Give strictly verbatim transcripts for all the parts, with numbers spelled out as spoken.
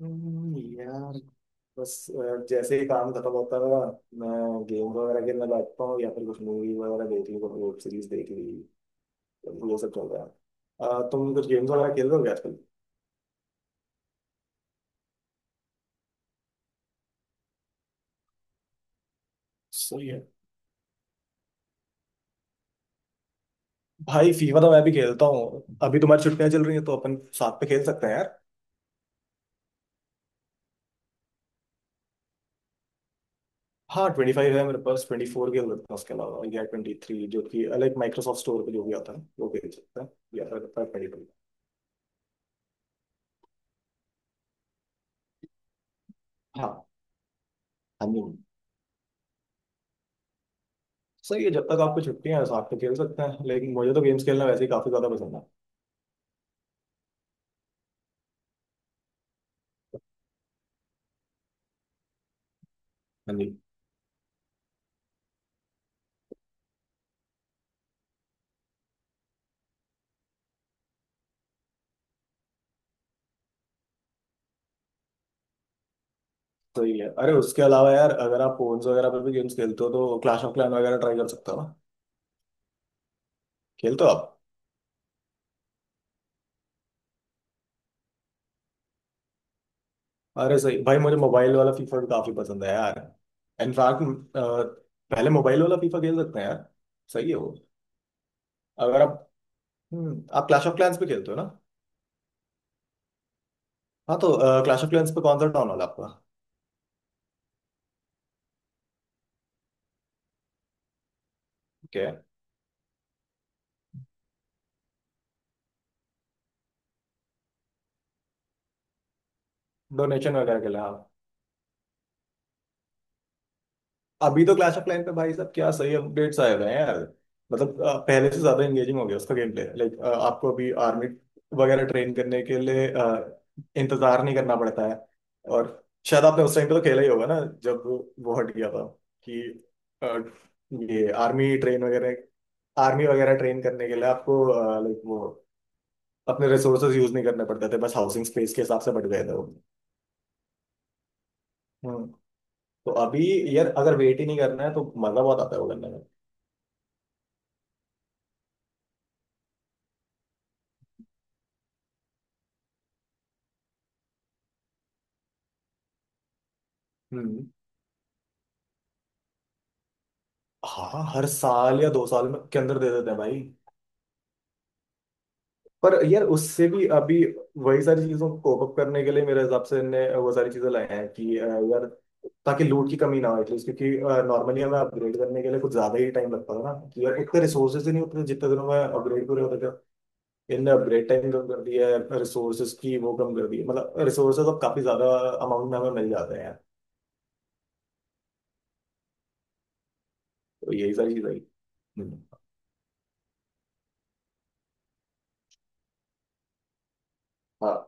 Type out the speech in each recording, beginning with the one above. हम्म, यार बस अ, जैसे ही काम खत्म होता है मेरा। मैं गेम वगैरह खेलने बैठता हूँ या फिर कुछ मूवी वगैरह देख ली कुछ वेब सीरीज देख ली। तो ये सब चल रहा है। अ, तुम कुछ गेम्स वगैरह खेल रहे हो क्या आजकल? सही है। भाई फीफा तो मैं भी खेलता हूँ, अभी तुम्हारी छुट्टियां चल रही हैं तो अपन साथ पे खेल सकते हैं यार। हाँ, ट्वेंटी फाइव है मेरे पास। ट्वेंटी फोर खेल सकते हैं उसके अलावा, या ट्वेंटी थ्री जो कि अलग माइक्रोसॉफ्ट स्टोर पे जो भी आता है वो खेल सकते हैं। या फिर ट्वेंटी फाइव। हाँ। हाँ जी, हाँ। सही है। जब तक आपको छुट्टियां हैं साथ में खेल सकते हैं, लेकिन मुझे तो गेम्स खेलना वैसे ही काफी ज्यादा पसंद है। हाँ जी। सही है। अरे उसके अलावा यार, अगर आप फोन्स वगैरह पर भी गेम्स खेलते हो तो क्लैश ऑफ क्लैन वगैरह ट्राई कर सकते हो ना। खेलते हो आप? अरे सही भाई, मुझे मोबाइल वाला फीफा भी काफी पसंद है यार। इनफैक्ट पहले मोबाइल वाला फीफा खेल सकते हैं यार। सही है वो। अगर आप, हम्म, आप क्लैश ऑफ क्लैंस पे खेलते हो ना? हाँ तो क्लैश ऑफ क्लैंस पे कौन सा टाउन वाला आपका? ओके। डोनेशन वगैरह के लिए हाँ। अभी तो क्लैश ऑफ क्लैन पे भाई साहब क्या सही अपडेट्स आए हुए हैं यार। मतलब अ, पहले से ज्यादा एंगेजिंग हो गया उसका गेम प्ले। लाइक आपको अभी आर्मी वगैरह ट्रेन करने के लिए अ, इंतजार नहीं करना पड़ता है। और शायद आपने उस टाइम पे तो खेला ही होगा ना जब वो हट गया था कि अ, ये आर्मी ट्रेन वगैरह आर्मी वगैरह ट्रेन करने के लिए आपको लाइक वो अपने रिसोर्सेज यूज नहीं करने पड़ते थे, बस हाउसिंग स्पेस के हिसाब से बढ़ गए थे वो। हम्म। तो अभी यार, अगर वेट ही नहीं करना है तो मजा बहुत आता है वो करने में। हम्म। हाँ, हर साल या दो साल में के अंदर दे देते हैं भाई। पर यार उससे भी अभी वही सारी चीजों को कोप अप करने के लिए मेरे हिसाब से इनने वो सारी चीजें लाए हैं कि अ, यार, ताकि लूट की कमी ना हो एटलीस्ट, क्योंकि नॉर्मली हमें अपग्रेड करने के लिए कुछ ज्यादा ही टाइम लगता था ना कि यार उतने रिसोर्सेज ही नहीं होते थे जितने दिनों में अपग्रेड पूरे होते थे। इनने अपग्रेड टाइम कम कर दिया है, रिसोर्सेज की वो कम कर दी है, मतलब रिसोर्सेज अब काफी ज्यादा अमाउंट में हमें मिल जाते हैं। तो यही सारी चीजें हैं। हम्म, हाँ,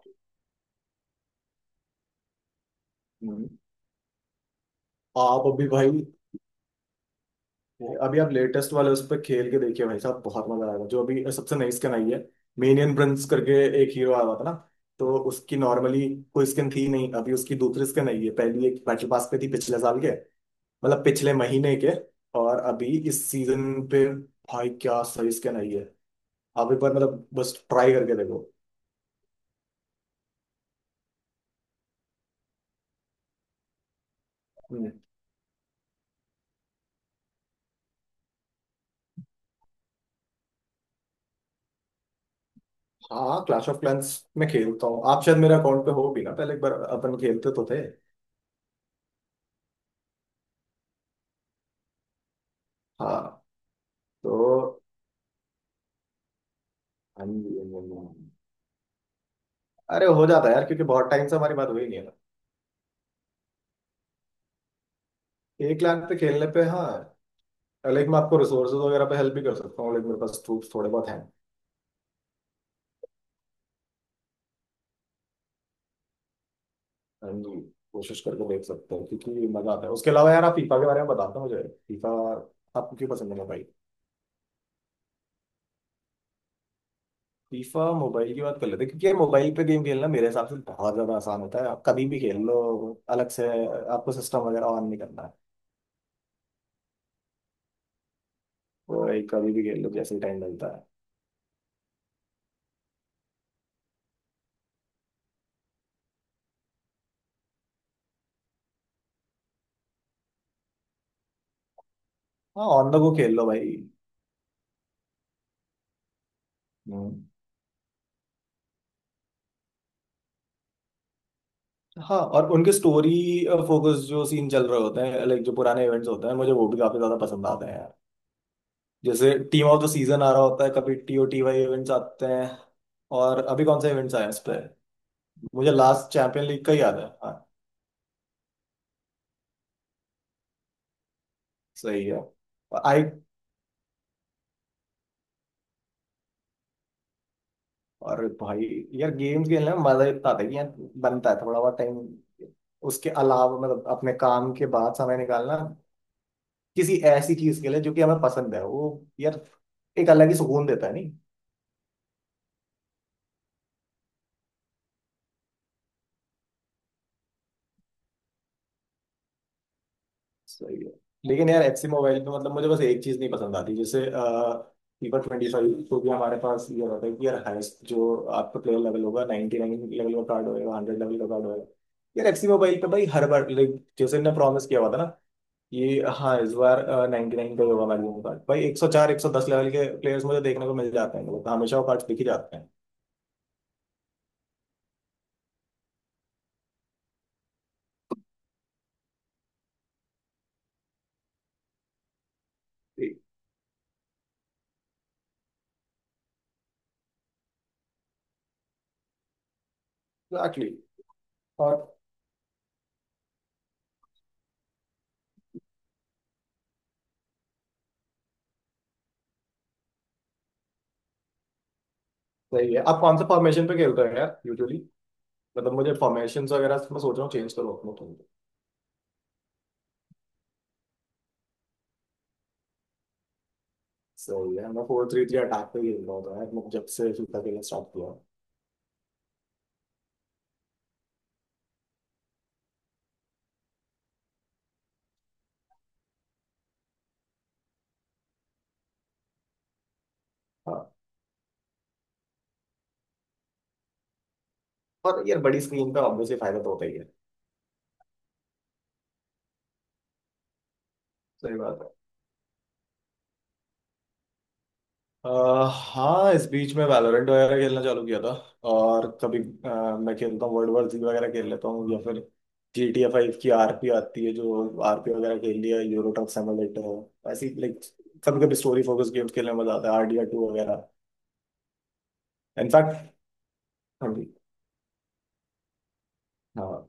हम्म। आप अभी भाई, अभी आप लेटेस्ट वाले उस पर खेल के देखिए भाई साहब, बहुत मजा आएगा। जो अभी सबसे नई स्किन आई है मेनियन प्रिंस करके, एक हीरो आया हुआ था ना, तो उसकी नॉर्मली कोई स्किन थी नहीं। अभी उसकी दूसरी स्किन आई है, पहली एक बैटल पास पे थी पिछले साल के, मतलब पिछले महीने के। और अभी इस सीजन पे भाई क्या सही स्किन आई है। आप एक बार मतलब बस ट्राई करके देखो। हम्म, हाँ क्लैश ऑफ क्लैंस में खेलता हूँ। आप शायद मेरे अकाउंट पे हो भी ना, पहले एक बार अपन खेलते तो थे। हाँ तो, हाँ जी, हाँ जी, हाँ जी। अरे हो जाता है यार, क्योंकि बहुत टाइम से हमारी बात हुई नहीं है ना। एक लाख पे खेलने पे हाँ, लाइक मैं आपको रिसोर्सेज वगैरह पे हेल्प भी कर सकता हूँ, लाइक मेरे पास ट्रूप्स थोड़े बहुत हैं। And कोशिश करके देख सकते हो क्योंकि मजा आता है। उसके अलावा यार आप फीफा के बारे में बताते हो मुझे। फीफा आपको क्यों पसंद है, मोबाइल? फीफा मोबाइल की बात कर लेते हैं, क्योंकि यार मोबाइल पे गेम खेलना मेरे हिसाब से बहुत ज्यादा आसान होता है। आप कभी भी खेल लो, अलग से आपको सिस्टम वगैरह ऑन नहीं करना है। तो भाई कभी भी खेल लो जैसे टाइम मिलता है। हाँ, ऑन द गो खेल लो भाई। हम्म। हाँ, और उनके स्टोरी फोकस जो सीन चल रहे होते हैं, लाइक जो पुराने इवेंट्स होते हैं, मुझे वो भी काफी ज्यादा पसंद आते हैं यार। जैसे टीम ऑफ द सीजन आ रहा होता है, कभी टीओटी वाई इवेंट्स आते हैं। और अभी कौन से इवेंट्स आए हैं इस पे? मुझे लास्ट चैंपियन लीग का ही याद है, हाँ। सही है। और आई, और भाई यार गेम्स खेलने में मजा इतना आता है कि यार बनता है थोड़ा बहुत टाइम। उसके अलावा मतलब अपने काम के बाद समय निकालना किसी ऐसी चीज के लिए जो कि हमें पसंद है, वो यार एक अलग ही सुकून देता है। सही है। लेकिन यार एफसी मोबाइल में मतलब मुझे बस एक चीज नहीं पसंद आती। जैसे फीफा ट्वेंटी फाइव तो भी हमारे पास ये होता है कि यार हाईएस्ट जो आपका प्लेयर लेवल होगा नाइनटी नाइन लेवल का कार्ड होएगा, हंड्रेड लेवल का कार्ड होएगा। यार एफसी मोबाइल पे भाई हर बार लाइक जैसे इन्होंने प्रॉमिस किया हुआ था ना कि हाँ इस बार नाइनटी नाइन का ही होगा मैक्सिमम कार्ड। भाई एक सौ चार, एक सौ दस लेवल के प्लेयर्स मुझे देखने को मिल जाते हैं, मतलब हमेशा वो कार्ड दिख ही जाते हैं। एग्जैक्टली। और सही है। आप कौन सा फॉर्मेशन पे खेलते हो यार यूजुअली? मतलब मुझे फॉर्मेशन वगैरह मैं सोच रहा हूँ चेंज करूँ अपने। सही है। मैं फोर थ्री थ्री अटैक पे ही खेल रहा होता है मैं जब से फीफा खेलना स्टार्ट किया है। हाँ, पर यार बड़ी स्क्रीन पे ऑब्वियसली फायदा तो होता ही है। सही बात है। अह, हाँ, इस बीच में वैलोरेंट वगैरह खेलना चालू किया था। और कभी अह, मैं खेलता हूँ वर्ल्ड वॉर जी वगैरह खेल लेता हूँ, या फिर जी टी ए फाइव की आरपी आती है, जो आरपी वगैरह खेल लिया, यूरो ट्रक सिमुलेटर, ऐसी लाइक कभी कभी स्टोरी फोकस गेम्स खेलने में मजा आता है, आर डी आर टू वगैरह। इनफैक्ट। हाँ जी। हाँ,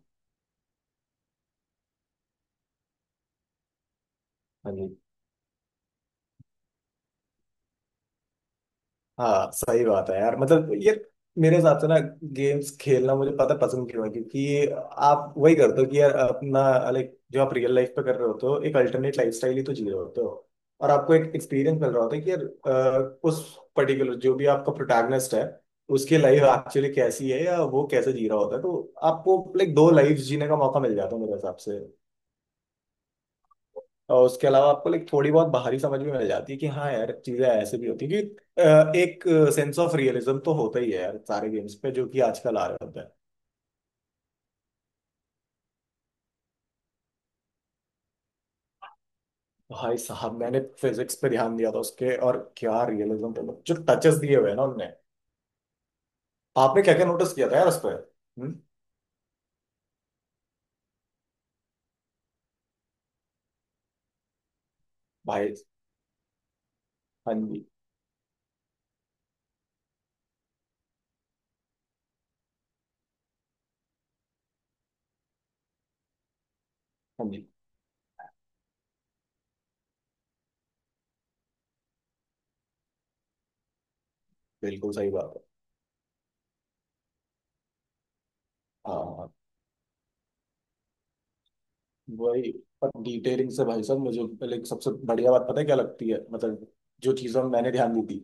हाँ, हाँ। सही बात है यार, मतलब ये मेरे हिसाब से ना गेम्स खेलना मुझे पता पसंद क्यों है, क्योंकि आप वही करते हो कि यार अपना, लाइक जो आप रियल लाइफ पे कर रहे होते हो एक अल्टरनेट लाइफ स्टाइल ही तो जी रहे होते हो। और आपको एक एक्सपीरियंस मिल रहा होता है कि यार अ, उस पर्टिकुलर जो भी आपका प्रोटैगनिस्ट है उसकी लाइफ एक्चुअली कैसी है या वो कैसे जी रहा होता है, तो आपको लाइक दो लाइफ जीने का मौका मिल जाता है मेरे हिसाब से। और उसके अलावा आपको लाइक थोड़ी बहुत बाहरी समझ भी मिल जाती है कि हाँ यार चीजें ऐसे भी होती है कि अ, एक सेंस ऑफ रियलिज्म तो होता ही है यार सारे गेम्स पे जो कि आजकल आ रहे होते हैं। भाई साहब मैंने फिजिक्स पे ध्यान दिया था उसके, और क्या रियलिज्म पे जो टचेस दिए हुए हैं ना उनने। आपने क्या क्या नोटिस किया था यार उस पर? हम्म। भाई। हाँ जी, हाँ जी, बिल्कुल सही बात है। हाँ, वही। पर डिटेलिंग से भाई साहब मुझे पहले सबसे बढ़िया बात पता है क्या लगती है, मतलब जो चीजों में मैंने ध्यान दी थी,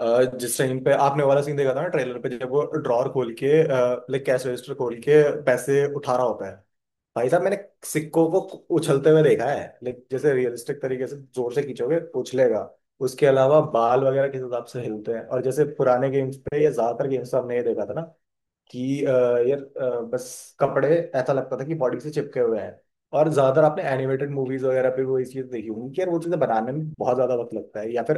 अ, जिस टाइम पे आपने वो वाला सीन देखा था ना ट्रेलर पे, जब वो ड्रॉर खोल के, लाइक कैश रजिस्टर खोल के पैसे उठा रहा होता है। भाई साहब मैंने सिक्कों को उछलते हुए देखा है, लाइक जैसे रियलिस्टिक तरीके से जोर से खींचोगे उछलेगा। उसके अलावा बाल वगैरह किस हिसाब से हिलते हैं, और जैसे पुराने गेम्स पे या ज्यादातर गेम्स पे हमने ये देखा था ना कि अ, यार अ, बस कपड़े ऐसा लगता था कि बॉडी से चिपके हुए हैं। और ज्यादातर आपने एनिमेटेड मूवीज वगैरह पे वो ये चीज देखी होंगी कि यार वो चीजें बनाने में बहुत ज्यादा वक्त लगता है, या फिर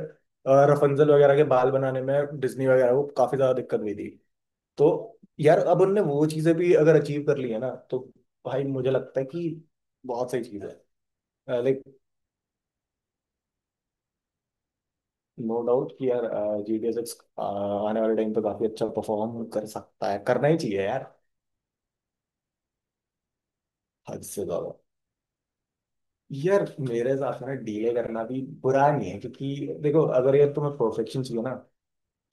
रफंजल वगैरह के बाल बनाने में डिज्नी वगैरह को काफी ज्यादा दिक्कत हुई थी। तो यार अब उनने वो चीजें भी अगर अचीव कर ली है ना, तो भाई मुझे लगता है कि बहुत सही चीज है। लाइक नो डाउट कि यार जी डी एस एक्स आने वाले टाइम पे काफी अच्छा परफॉर्म कर सकता है, करना ही चाहिए यार। हद से ज्यादा। यार मेरे हिसाब से ना डीले करना भी बुरा नहीं है, क्योंकि देखो अगर यार तुम्हें परफेक्शन चाहिए ना,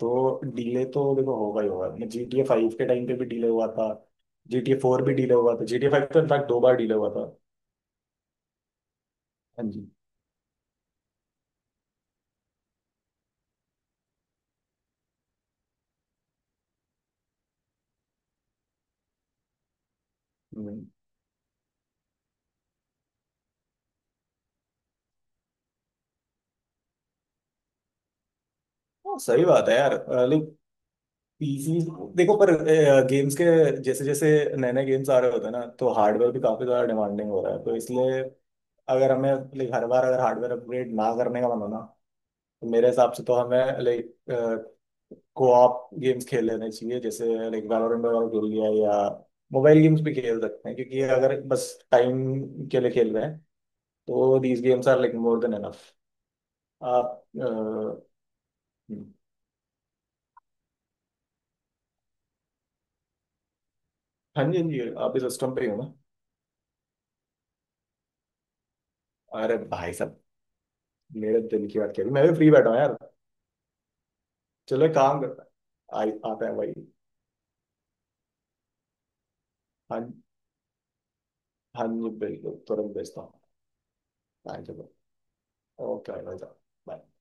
तो डीले तो देखो होगा ही होगा। मैं जी टी ए फाइव के टाइम पे भी डीले हुआ था। जी टी ए फोर भी डीले हुआ था, जी टी ए फाइव तो इनफैक्ट दो बार डीले हुआ था। हाँ जी। हम्म। हाँ, सही बात है यार। लाइक पीसी देखो, पर गेम्स के जैसे जैसे नए नए गेम्स आ रहे होते हैं ना, तो हार्डवेयर भी काफी ज्यादा डिमांडिंग हो रहा है तो इसलिए अगर हमें, लाइक हर बार अगर हार्डवेयर अपग्रेड ना करने का मन हो ना, तो मेरे हिसाब से तो हमें लाइक कोऑप गेम्स खेल लेने चाहिए, जैसे लाइक वैलोरेंट वगैरह खेल लिया या मोबाइल गेम्स भी खेल सकते हैं, क्योंकि अगर बस टाइम के लिए खेल रहे हैं तो these games are like more than enough. आप अ, हम्म, हाँ जी, हाँ जी, आप इस सिस्टम पे ही हो ना? अरे भाई साहब, मेरे दिल की बात कह रही, मैं भी फ्री बैठा हूँ यार। चलो एक काम करता है, आई आता है भाई। हाँ, हाँ जी बिल्कुल तुरंत भेजता हूँ। Thank you. ओके भाई साहब। Bye.